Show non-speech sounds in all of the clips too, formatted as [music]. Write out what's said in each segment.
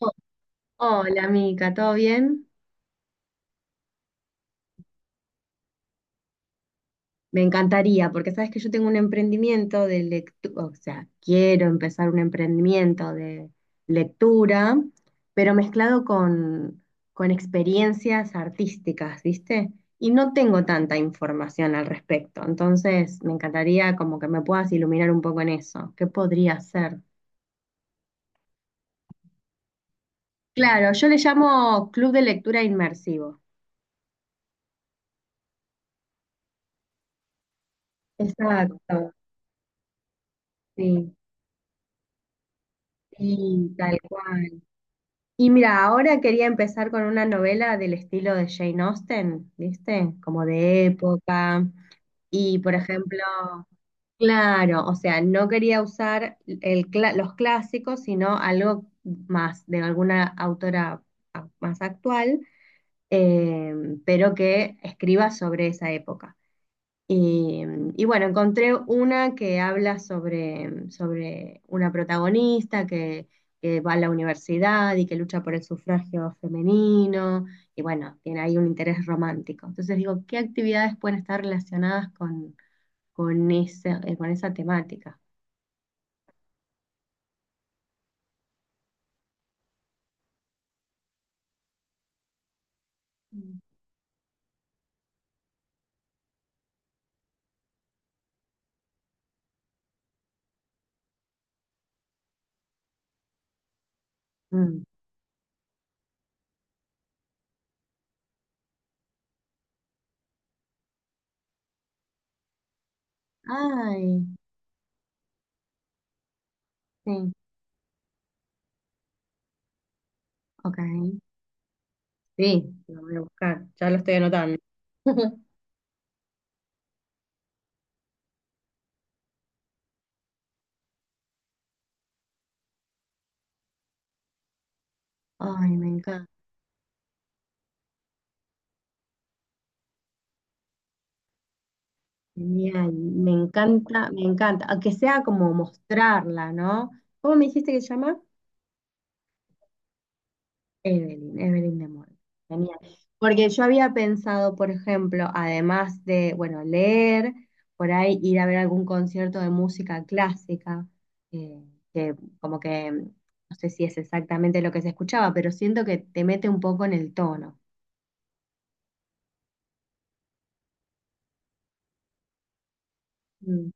Oh, hola, Mica, ¿todo bien? Me encantaría, porque sabes que yo tengo un emprendimiento de lectura, o sea, quiero empezar un emprendimiento de lectura, pero mezclado con experiencias artísticas, ¿viste? Y no tengo tanta información al respecto, entonces me encantaría como que me puedas iluminar un poco en eso. ¿Qué podría ser? Claro, yo le llamo Club de Lectura Inmersivo. Exacto, sí, sí, tal cual. Y mira, ahora quería empezar con una novela del estilo de Jane Austen, ¿viste? Como de época. Y, por ejemplo, claro, o sea, no quería usar el los clásicos, sino algo más de alguna autora más actual, eh, pero que escriba sobre esa época. Y, y bueno, encontré una que habla sobre una que va a la universidad y que lucha por el sufragio femenino, y bueno, tiene ahí un interés romántico. Entonces digo, ¿qué actividades pueden estar relacionadas con con esa temática? Mm. Mm. Ay, sí, ok. Sí, lo voy a buscar, ya lo estoy anotando. [laughs] Ay, me encanta. Genial, me encanta, aunque sea como mostrarla, ¿no? ¿Cómo me dijiste que se llama? Evelyn, Evelyn de Mol. Genial. Porque yo había pensado, por ejemplo, además de, bueno, leer, por ahí ir a ver algún concierto de música clásica, eh, que como que no sé si es exactamente lo que se escuchaba, pero siento que te mete un poco en el tono. Mm,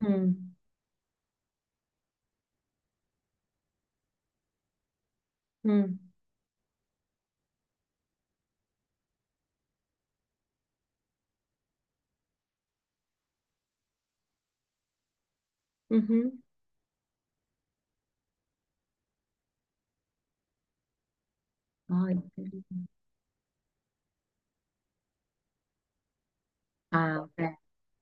mm, mm, ujú. Ay, qué lindo. Ah, ok.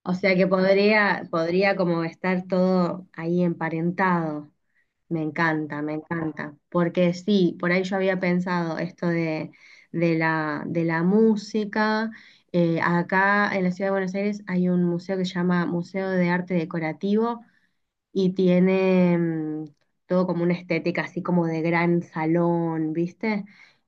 O sea que podría como estar todo ahí emparentado. Me encanta, me encanta. Porque sí, por ahí yo había pensado esto de de la música. Acá en la ciudad de Buenos Aires hay un museo que se llama Museo de Arte Decorativo y tiene mm, todo como una estética así como de gran salón, ¿viste?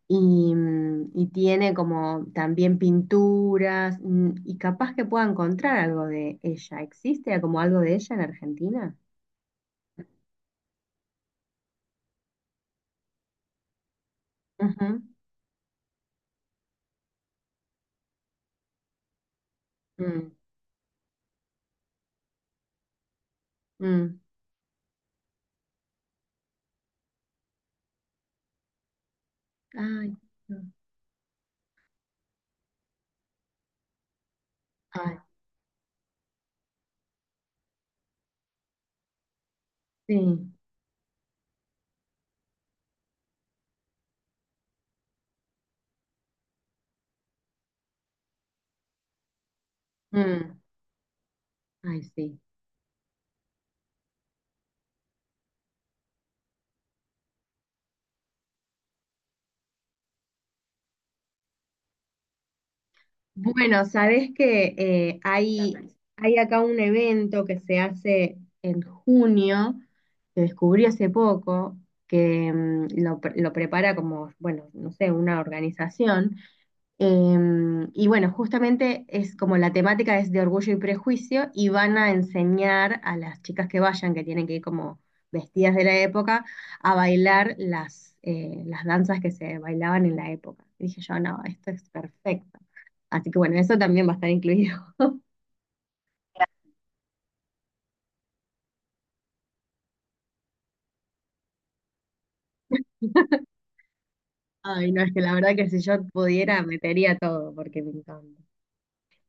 Y, mm, y tiene como también pinturas mm, y capaz que pueda encontrar algo de ella. ¿Existe como algo de ella en Argentina? Ujú. Mm, mm. Ay, no. Ay, sí. Mm, ay, sí. Bueno, sabes que hay acá un evento que se hace en junio, que descubrí hace poco, que lo prepara como, bueno, no sé, una organización. Em, y bueno, justamente es como la temática es de Orgullo y Prejuicio y van a enseñar a las chicas que vayan, que tienen que ir como vestidas de la época, a bailar las danzas que se bailaban en la época. Y dije yo, no, esto es perfecto. Así que bueno, eso también va a estar incluido. [laughs] Ay, no, es que la verdad que si yo pudiera, metería todo porque me encanta.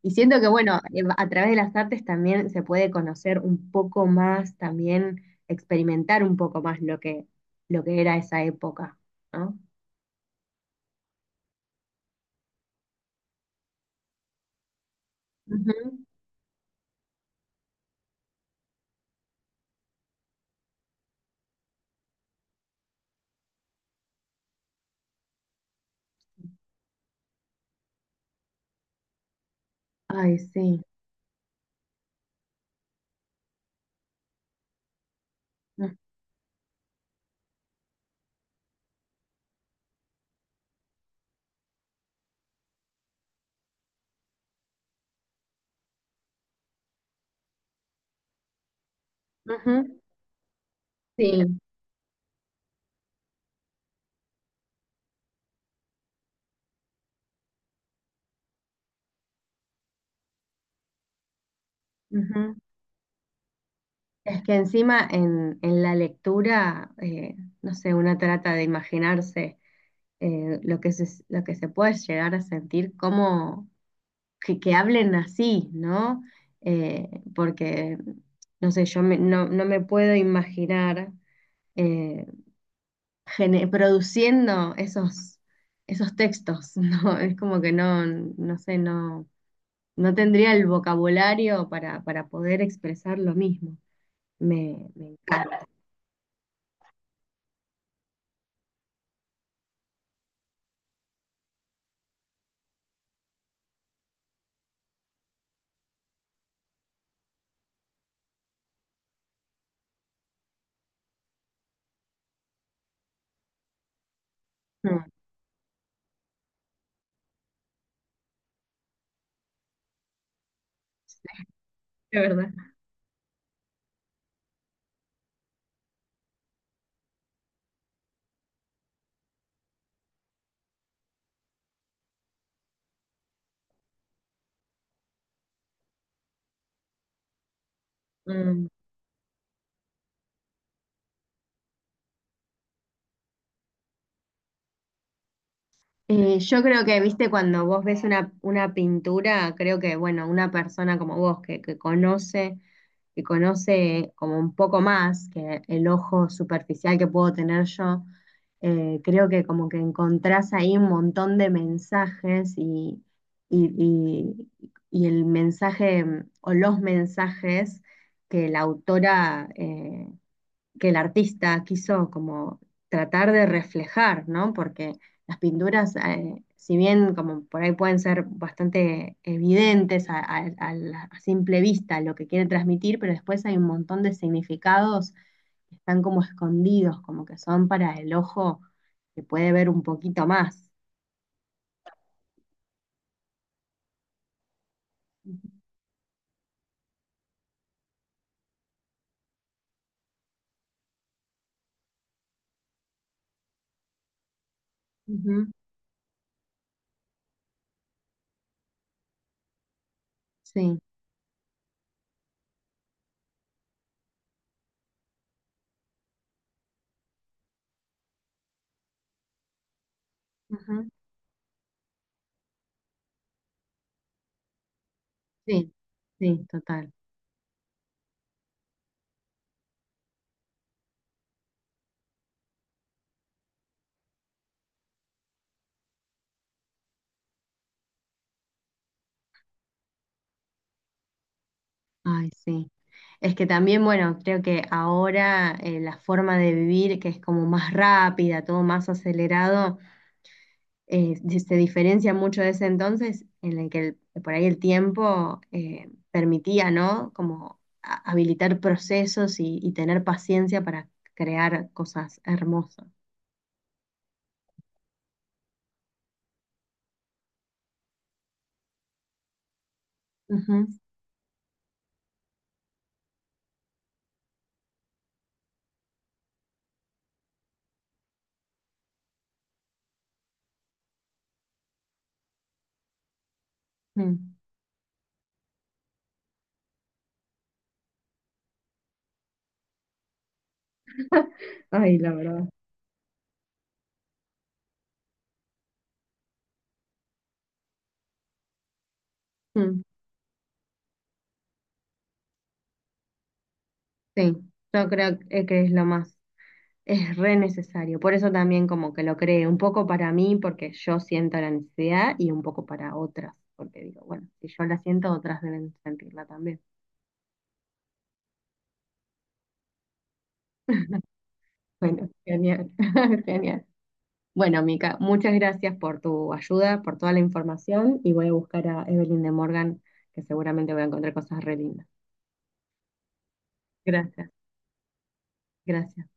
Y siento que, bueno, a través de las artes también se puede conocer un poco más, también experimentar un poco más lo lo que era esa época, ¿no? Ujú. Ay, sí. Ujú. Sí. Ujú. Es que encima en la lectura, no sé, uno trata de imaginarse lo que lo que se puede llegar a sentir, que hablen así, ¿no? Eh, porque, no sé, yo no, no me puedo imaginar eh, produciendo esos textos, [laughs] ¿no? Es como que no, no sé, no, no tendría el vocabulario para poder expresar lo mismo. Me encanta. Mm, de [laughs] verdad. Mm. Yo creo que, viste, cuando vos ves una pintura, creo que, bueno, una persona como vos que conoce como un poco más que el ojo superficial que puedo tener yo, creo que como que encontrás ahí un montón de mensajes y, y- y- y el mensaje mm, o los mensajes que la autora que el artista quiso como tratar de reflejar, ¿no? Porque las pinturas, si bien como por ahí pueden ser bastante evidentes a simple vista lo que quiere transmitir, pero después hay un montón de significados que están como escondidos, como que son para el ojo que puede ver un poquito más. Ujú, sí, ujú, sí, sí, total. Ay, sí. Es que también, bueno, creo que ahora la forma de vivir, que es como más rápida, todo más acelerado, se diferencia mucho de ese entonces en el que por ahí el tiempo permitía, ¿no? Como habilitar procesos y tener paciencia para crear cosas hermosas. Ujú. Mm. Ay, la verdad. Mm. Sí, yo creo que es lo más. Es re necesario. Por eso también como que lo creé, un poco para mí, porque yo siento la necesidad, y un poco para otras, porque digo, bueno, si yo la siento, otras deben sentirla también. Bueno, genial, [laughs] genial. Bueno, Mica, muchas gracias por tu ayuda, por toda la información, y voy a buscar a Evelyn de Morgan, que seguramente voy a encontrar cosas re lindas. Gracias, gracias.